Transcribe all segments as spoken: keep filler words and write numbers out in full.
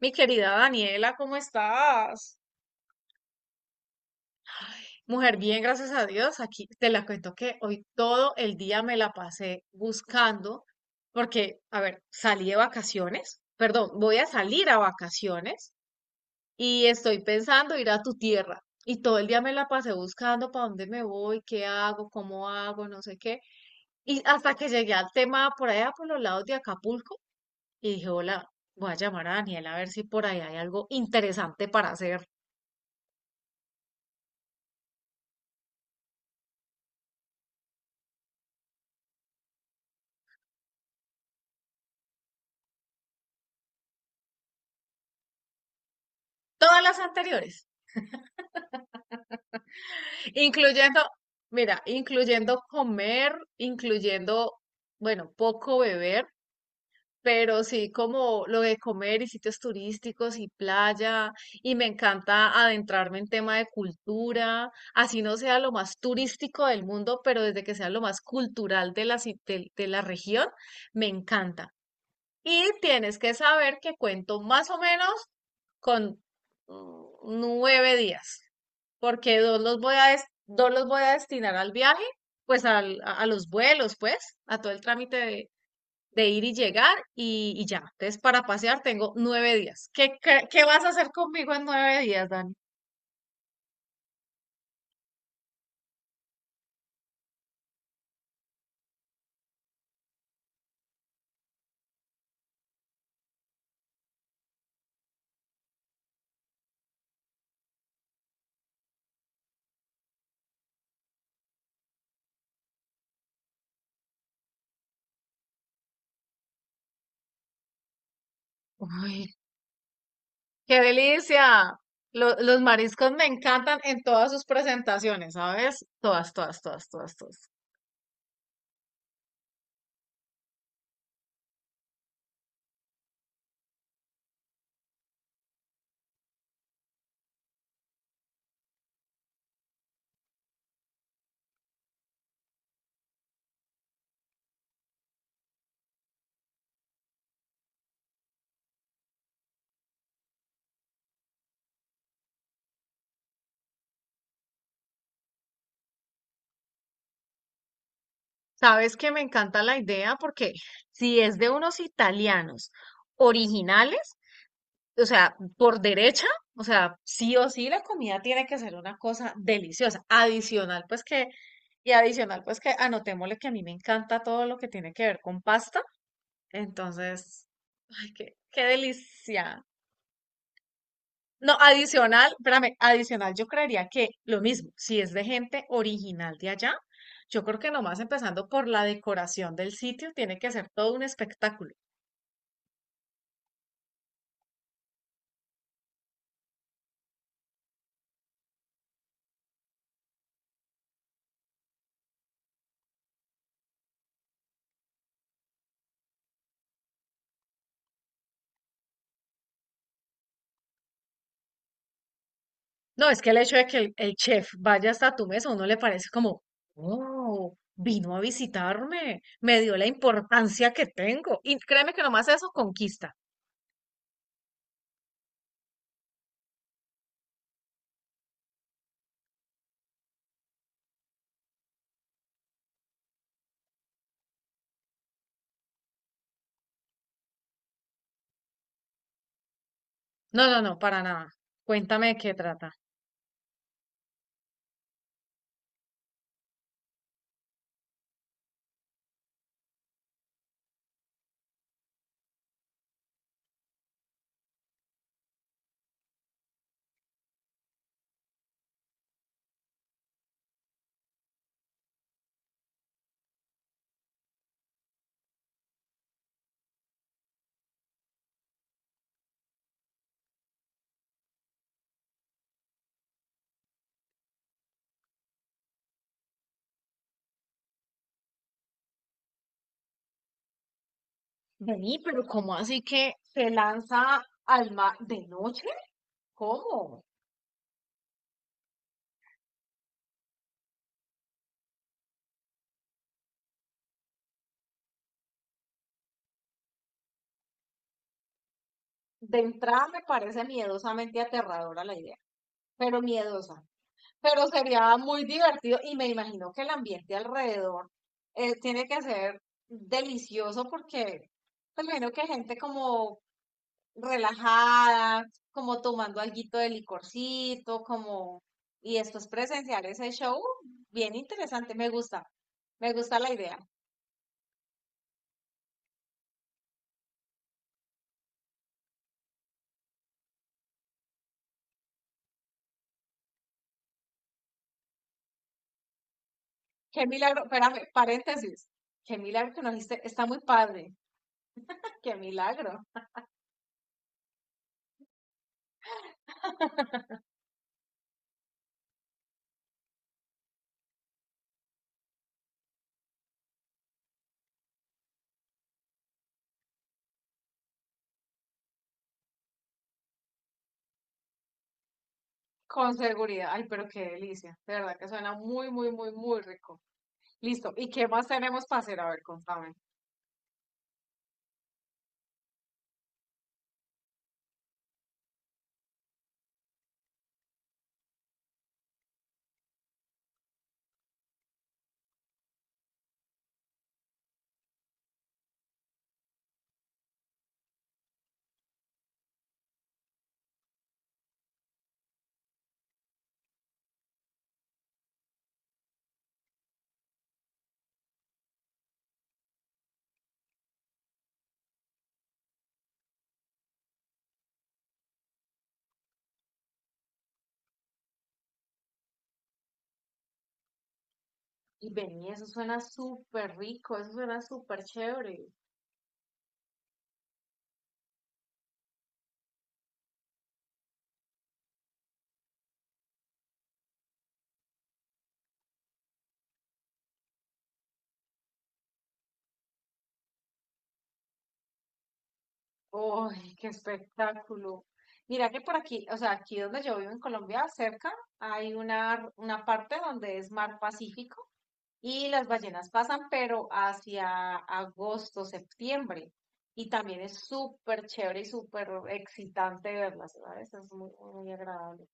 Mi querida Daniela, ¿cómo estás? Mujer, bien, gracias a Dios. Aquí te la cuento que hoy todo el día me la pasé buscando porque, a ver, salí de vacaciones, perdón, voy a salir a vacaciones y estoy pensando ir a tu tierra. Y todo el día me la pasé buscando para dónde me voy, qué hago, cómo hago, no sé qué. Y hasta que llegué al tema por allá, por los lados de Acapulco, y dije, hola, voy a llamar a Daniela a ver si por ahí hay algo interesante para hacer. Todas las anteriores. Incluyendo, mira, incluyendo comer, incluyendo, bueno, poco beber, pero sí como lo de comer y sitios turísticos y playa, y me encanta adentrarme en tema de cultura, así no sea lo más turístico del mundo, pero desde que sea lo más cultural de la, ci- de de la región, me encanta. Y tienes que saber que cuento más o menos con mm, nueve días, porque dos los voy a, des- dos los voy a destinar al viaje, pues al- a, a los vuelos, pues, a todo el trámite de, de ir y llegar y, y ya. Entonces, para pasear tengo nueve días. ¿Qué, cre- qué vas a hacer conmigo en nueve días, Dani? Uy, qué delicia. Lo- los mariscos me encantan en todas sus presentaciones, ¿sabes? Todas, todas, todas, todas, todas. Sabes que me encanta la idea porque si es de unos italianos originales, o sea, por derecha, o sea, sí o sí la comida tiene que ser una cosa deliciosa. Adicional, pues que, y adicional, pues que anotémosle que a mí me encanta todo lo que tiene que ver con pasta. Entonces, ay, qué, qué delicia. No, adicional, espérame, adicional, yo creería que lo mismo, si es de gente original de allá, yo creo que nomás empezando por la decoración del sitio, tiene que ser todo un espectáculo. No, es que el hecho de que el, el chef vaya hasta tu mesa, a uno le parece como, oh, vino a visitarme, me dio la importancia que tengo. Y créeme que nomás eso conquista. No, no, no, para nada. Cuéntame de qué trata. Vení, pero ¿cómo así que se lanza al mar de noche? ¿Cómo? De entrada me parece miedosamente aterradora la idea, pero miedosa. Pero sería muy divertido y me imagino que el ambiente alrededor eh, tiene que ser delicioso porque pues, me imagino que gente como relajada, como tomando alguito de licorcito, como... Y después presenciar ese show, bien interesante, me gusta, me gusta la idea. Qué milagro, espérame, paréntesis, qué milagro que nos dijiste, está muy padre, qué milagro. Con seguridad. Ay, pero qué delicia. De verdad que suena muy, muy, muy, muy rico. Listo. ¿Y qué más tenemos para hacer? A ver, contame. Y vení, eso suena súper rico, eso suena súper chévere. ¡Ay, qué espectáculo! Mira que por aquí, o sea, aquí donde yo vivo en Colombia, cerca, hay una, una parte donde es mar Pacífico y las ballenas pasan, pero hacia agosto, septiembre. Y también es súper chévere y súper excitante verlas, ¿sabes? Es muy, muy agradable.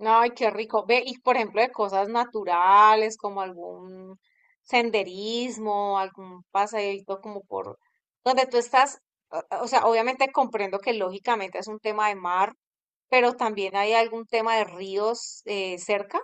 Ay, qué rico. Ve, y por ejemplo, de cosas naturales, como algún senderismo, algún paseíto como por donde tú estás, o o sea, obviamente comprendo que lógicamente es un tema de mar, pero también hay algún tema de ríos eh, cerca.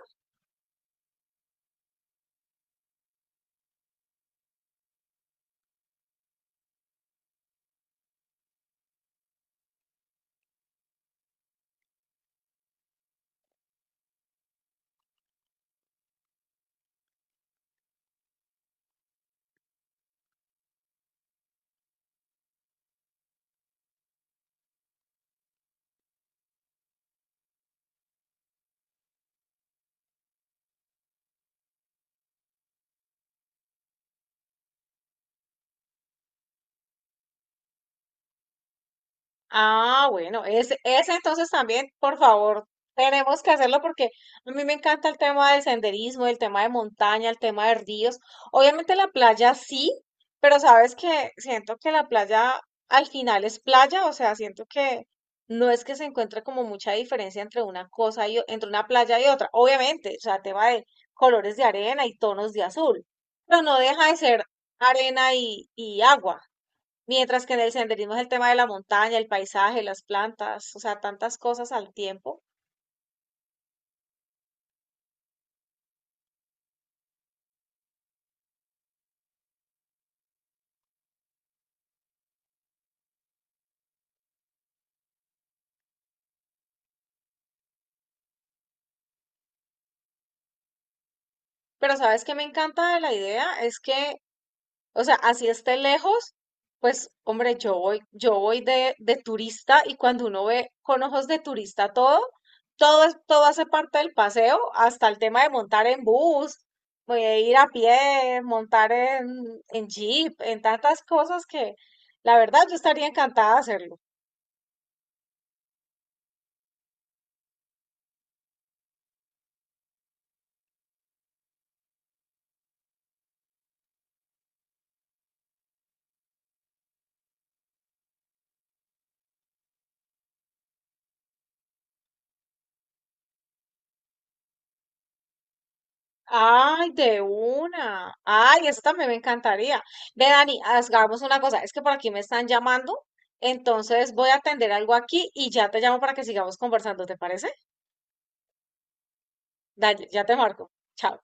Ah, bueno, ese, ese entonces también, por favor, tenemos que hacerlo porque a mí me encanta el tema del senderismo, el tema de montaña, el tema de ríos. Obviamente la playa sí, pero sabes que siento que la playa al final es playa, o sea, siento que no es que se encuentre como mucha diferencia entre una cosa y o- entre una playa y otra. Obviamente, o sea, tema de colores de arena y tonos de azul, pero no deja de ser arena y, y agua. Mientras que en el senderismo es el tema de la montaña, el paisaje, las plantas, o sea, tantas cosas al tiempo. Pero sabes que me encanta de la idea es que, o sea, así esté lejos, pues hombre, yo voy, yo voy de, de turista y cuando uno ve con ojos de turista todo, todo, es- todo hace parte del paseo, hasta el tema de montar en bus, voy a ir a pie, montar en, en jeep, en tantas cosas que la verdad yo estaría encantada de hacerlo. Ay, de una. Ay, eso también me encantaría. Ve, Dani, hagamos una cosa. Es que por aquí me están llamando, entonces voy a atender algo aquí y ya te llamo para que sigamos conversando, ¿te parece? Dale, ya te marco. Chao.